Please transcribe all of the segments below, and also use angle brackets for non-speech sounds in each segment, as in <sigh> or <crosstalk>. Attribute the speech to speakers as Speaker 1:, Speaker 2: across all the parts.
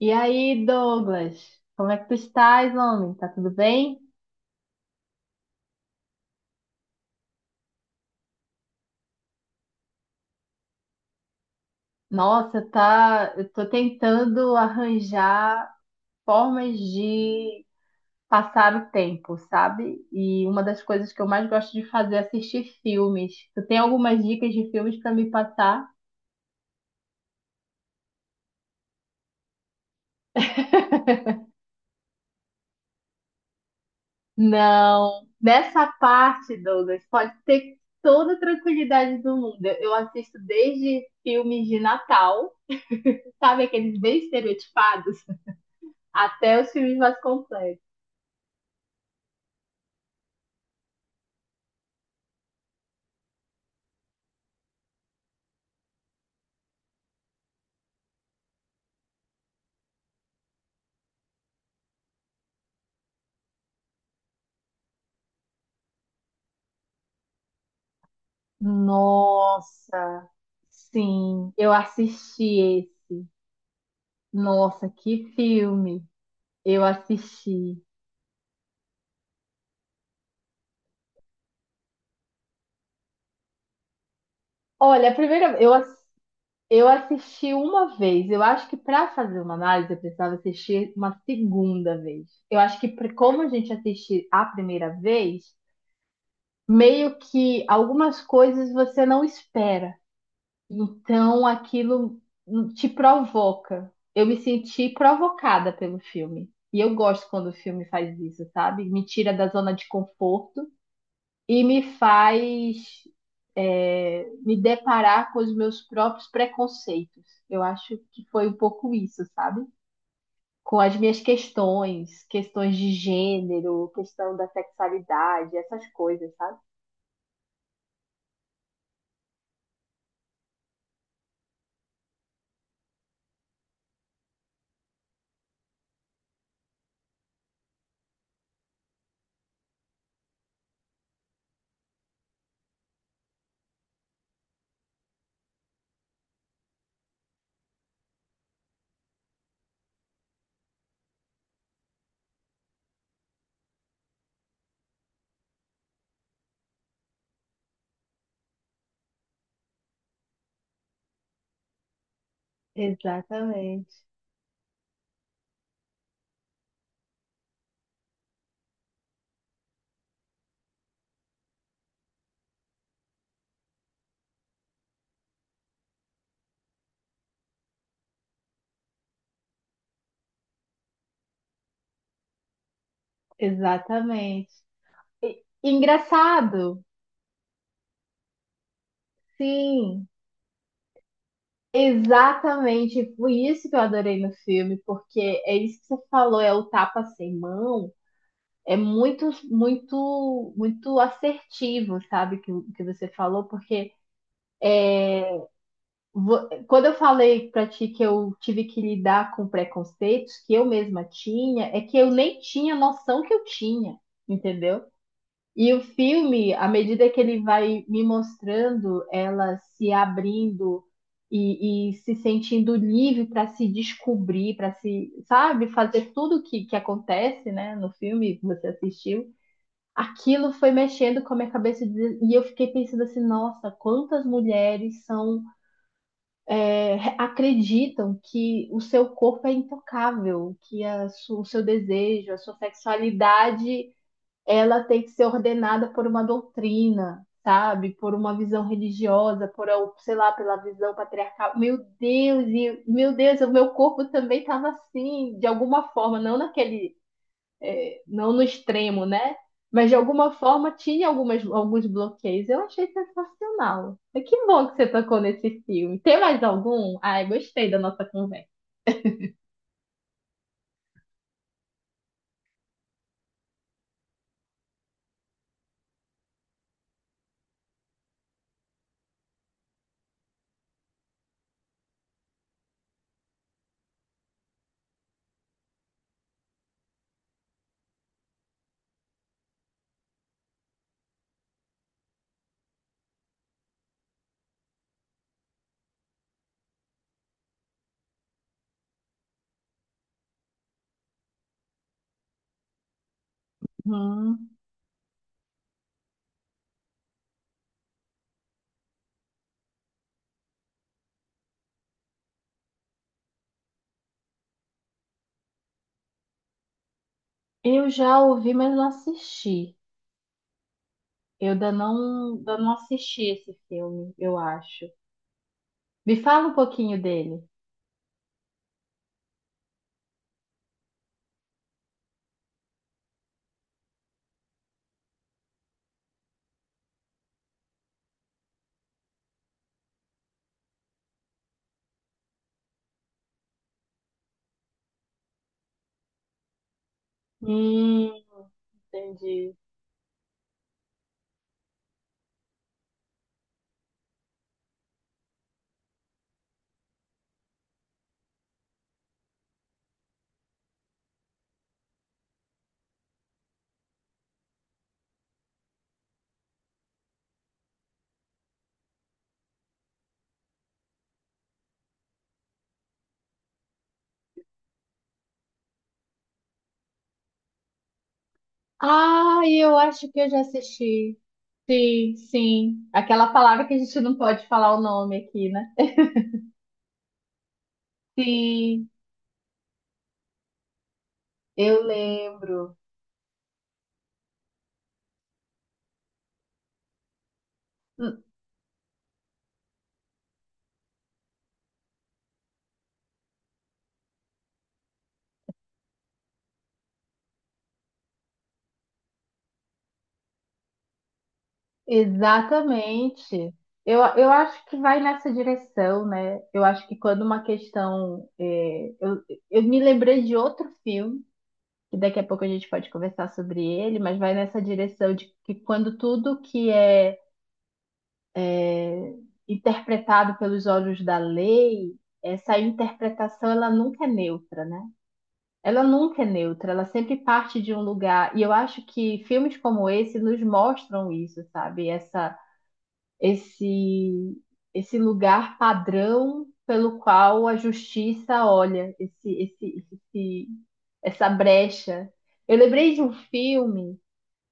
Speaker 1: E aí, Douglas, como é que tu estás, homem? Tá tudo bem? Nossa, tá. Eu tô tentando arranjar formas de passar o tempo, sabe? E uma das coisas que eu mais gosto de fazer é assistir filmes. Tu tem algumas dicas de filmes pra me passar? Não. Nessa parte, Douglas, pode ter toda a tranquilidade do mundo. Eu assisto desde filmes de Natal, sabe aqueles bem estereotipados, até os filmes mais complexos. Nossa, sim, eu assisti esse. Nossa, que filme! Eu assisti. Olha, a primeira, eu assisti uma vez. Eu acho que para fazer uma análise eu precisava assistir uma segunda vez. Eu acho que pra- como a gente assiste a primeira vez, meio que algumas coisas você não espera. Então aquilo te provoca. Eu me senti provocada pelo filme. E eu gosto quando o filme faz isso, sabe? Me tira da zona de conforto e me faz me deparar com os meus próprios preconceitos. Eu acho que foi um pouco isso, sabe? Com as minhas questões, questões de gênero, questão da sexualidade, essas coisas, sabe? Exatamente. Exatamente. E- Engraçado. Sim, exatamente. Foi isso que eu adorei no filme, porque é isso que você falou, é o tapa sem mão. É muito, muito, muito assertivo, sabe, que você falou, porque vo- quando eu falei pra ti que eu tive que lidar com preconceitos que eu mesma tinha, é que eu nem tinha noção que eu tinha, entendeu? E o filme, à medida que ele vai me mostrando ela se abrindo e se sentindo livre para se descobrir, para se, sabe, fazer tudo que acontece, né, no filme que você assistiu, aquilo foi mexendo com a minha cabeça de- e eu fiquei pensando assim, nossa, quantas mulheres são acreditam que o seu corpo é intocável, que a su- o seu desejo, a sua sexualidade ela tem que ser ordenada por uma doutrina, sabe? Por uma visão religiosa, por, sei lá, pela visão patriarcal. Meu Deus, e- meu Deus, o meu corpo também estava assim, de alguma forma, não naquele, não no extremo, né? Mas de alguma forma tinha algumas, alguns bloqueios. Eu achei sensacional. E que bom que você tocou nesse filme. Tem mais algum? Ai, gostei da nossa conversa. Hum. Eu já ouvi, mas não assisti. Eu ainda não assisti esse filme, eu acho. Me fala um pouquinho dele. Hum, entendi. Ah, eu acho que eu já assisti. Sim, sim. Aquela palavra que a gente não pode falar o nome aqui, né? Sim, eu lembro. Hum, Exatamente. Eu acho que vai nessa direção, né? Eu acho que quando uma questão. Eu me lembrei de outro filme. Que daqui a pouco a gente pode conversar sobre ele, mas vai nessa direção de que quando tudo é, interpretado pelos olhos da lei, essa interpretação ela nunca é neutra, né? Ela nunca é neutra, ela sempre parte de um lugar. E eu acho que filmes como esse nos mostram isso, sabe? Esse, esse lugar padrão pelo qual a justiça olha esse, essa brecha. Eu lembrei de um filme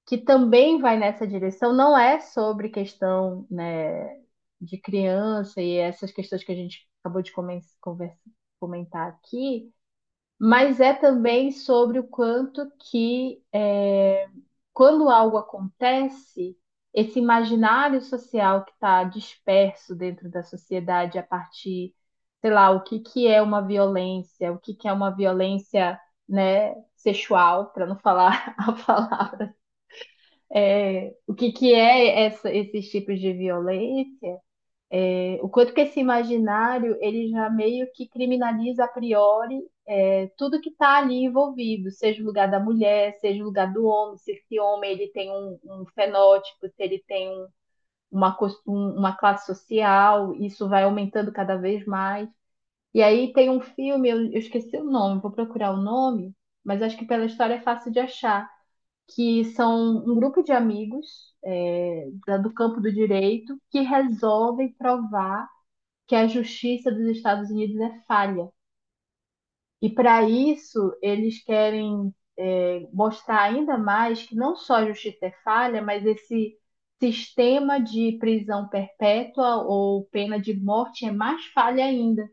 Speaker 1: que também vai nessa direção, não é sobre questão, né, de criança e essas questões que a gente acabou de comentar aqui, mas é também sobre o quanto quando algo acontece, esse imaginário social que está disperso dentro da sociedade a partir, sei lá, o que que é uma violência, o que que é uma violência, né, sexual, para não falar <laughs> a palavra o que que é esses tipos de violência? O quanto que esse imaginário ele já meio que criminaliza a priori tudo que está ali envolvido, seja o lugar da mulher, seja o lugar do homem, se esse homem ele tem um fenótipo, se ele tem uma classe social, isso vai aumentando cada vez mais. E aí tem um filme, eu esqueci o nome, vou procurar o nome, mas acho que pela história é fácil de achar que são um grupo de amigos do campo do direito que resolvem provar que a justiça dos Estados Unidos é falha. E para isso, eles querem mostrar ainda mais que não só a justiça é falha, mas esse sistema de prisão perpétua ou pena de morte é mais falha ainda.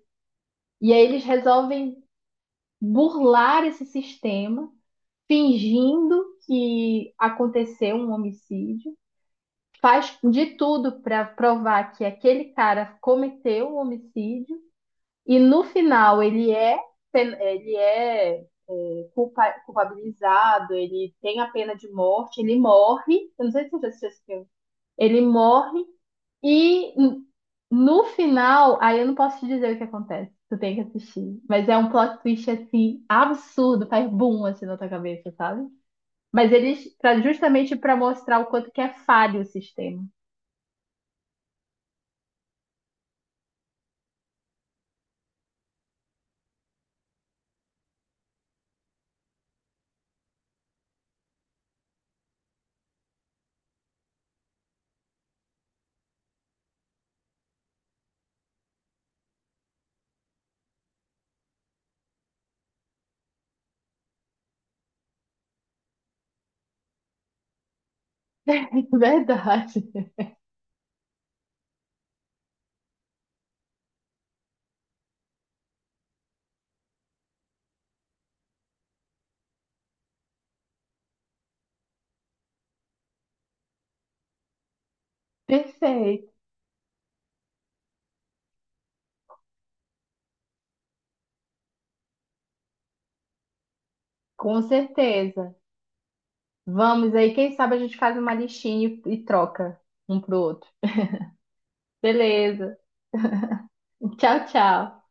Speaker 1: E aí eles resolvem burlar esse sistema, fingindo que aconteceu um homicídio, faz de tudo para provar que aquele cara cometeu o homicídio e no final ele é culpabilizado, ele tem a pena de morte, ele morre. Eu não sei se você assistiu esse filme. Ele morre e no final, aí eu não posso te dizer o que acontece. Tu tem que assistir. Mas é um plot twist assim absurdo, faz boom assim na tua cabeça, sabe? Mas eles, pra, justamente para mostrar o quanto que é falho o sistema. <laughs> É verdade. Perfeito, com certeza. Vamos aí, quem sabe a gente faz uma listinha e troca um pro outro. Beleza. <laughs> Tchau, tchau.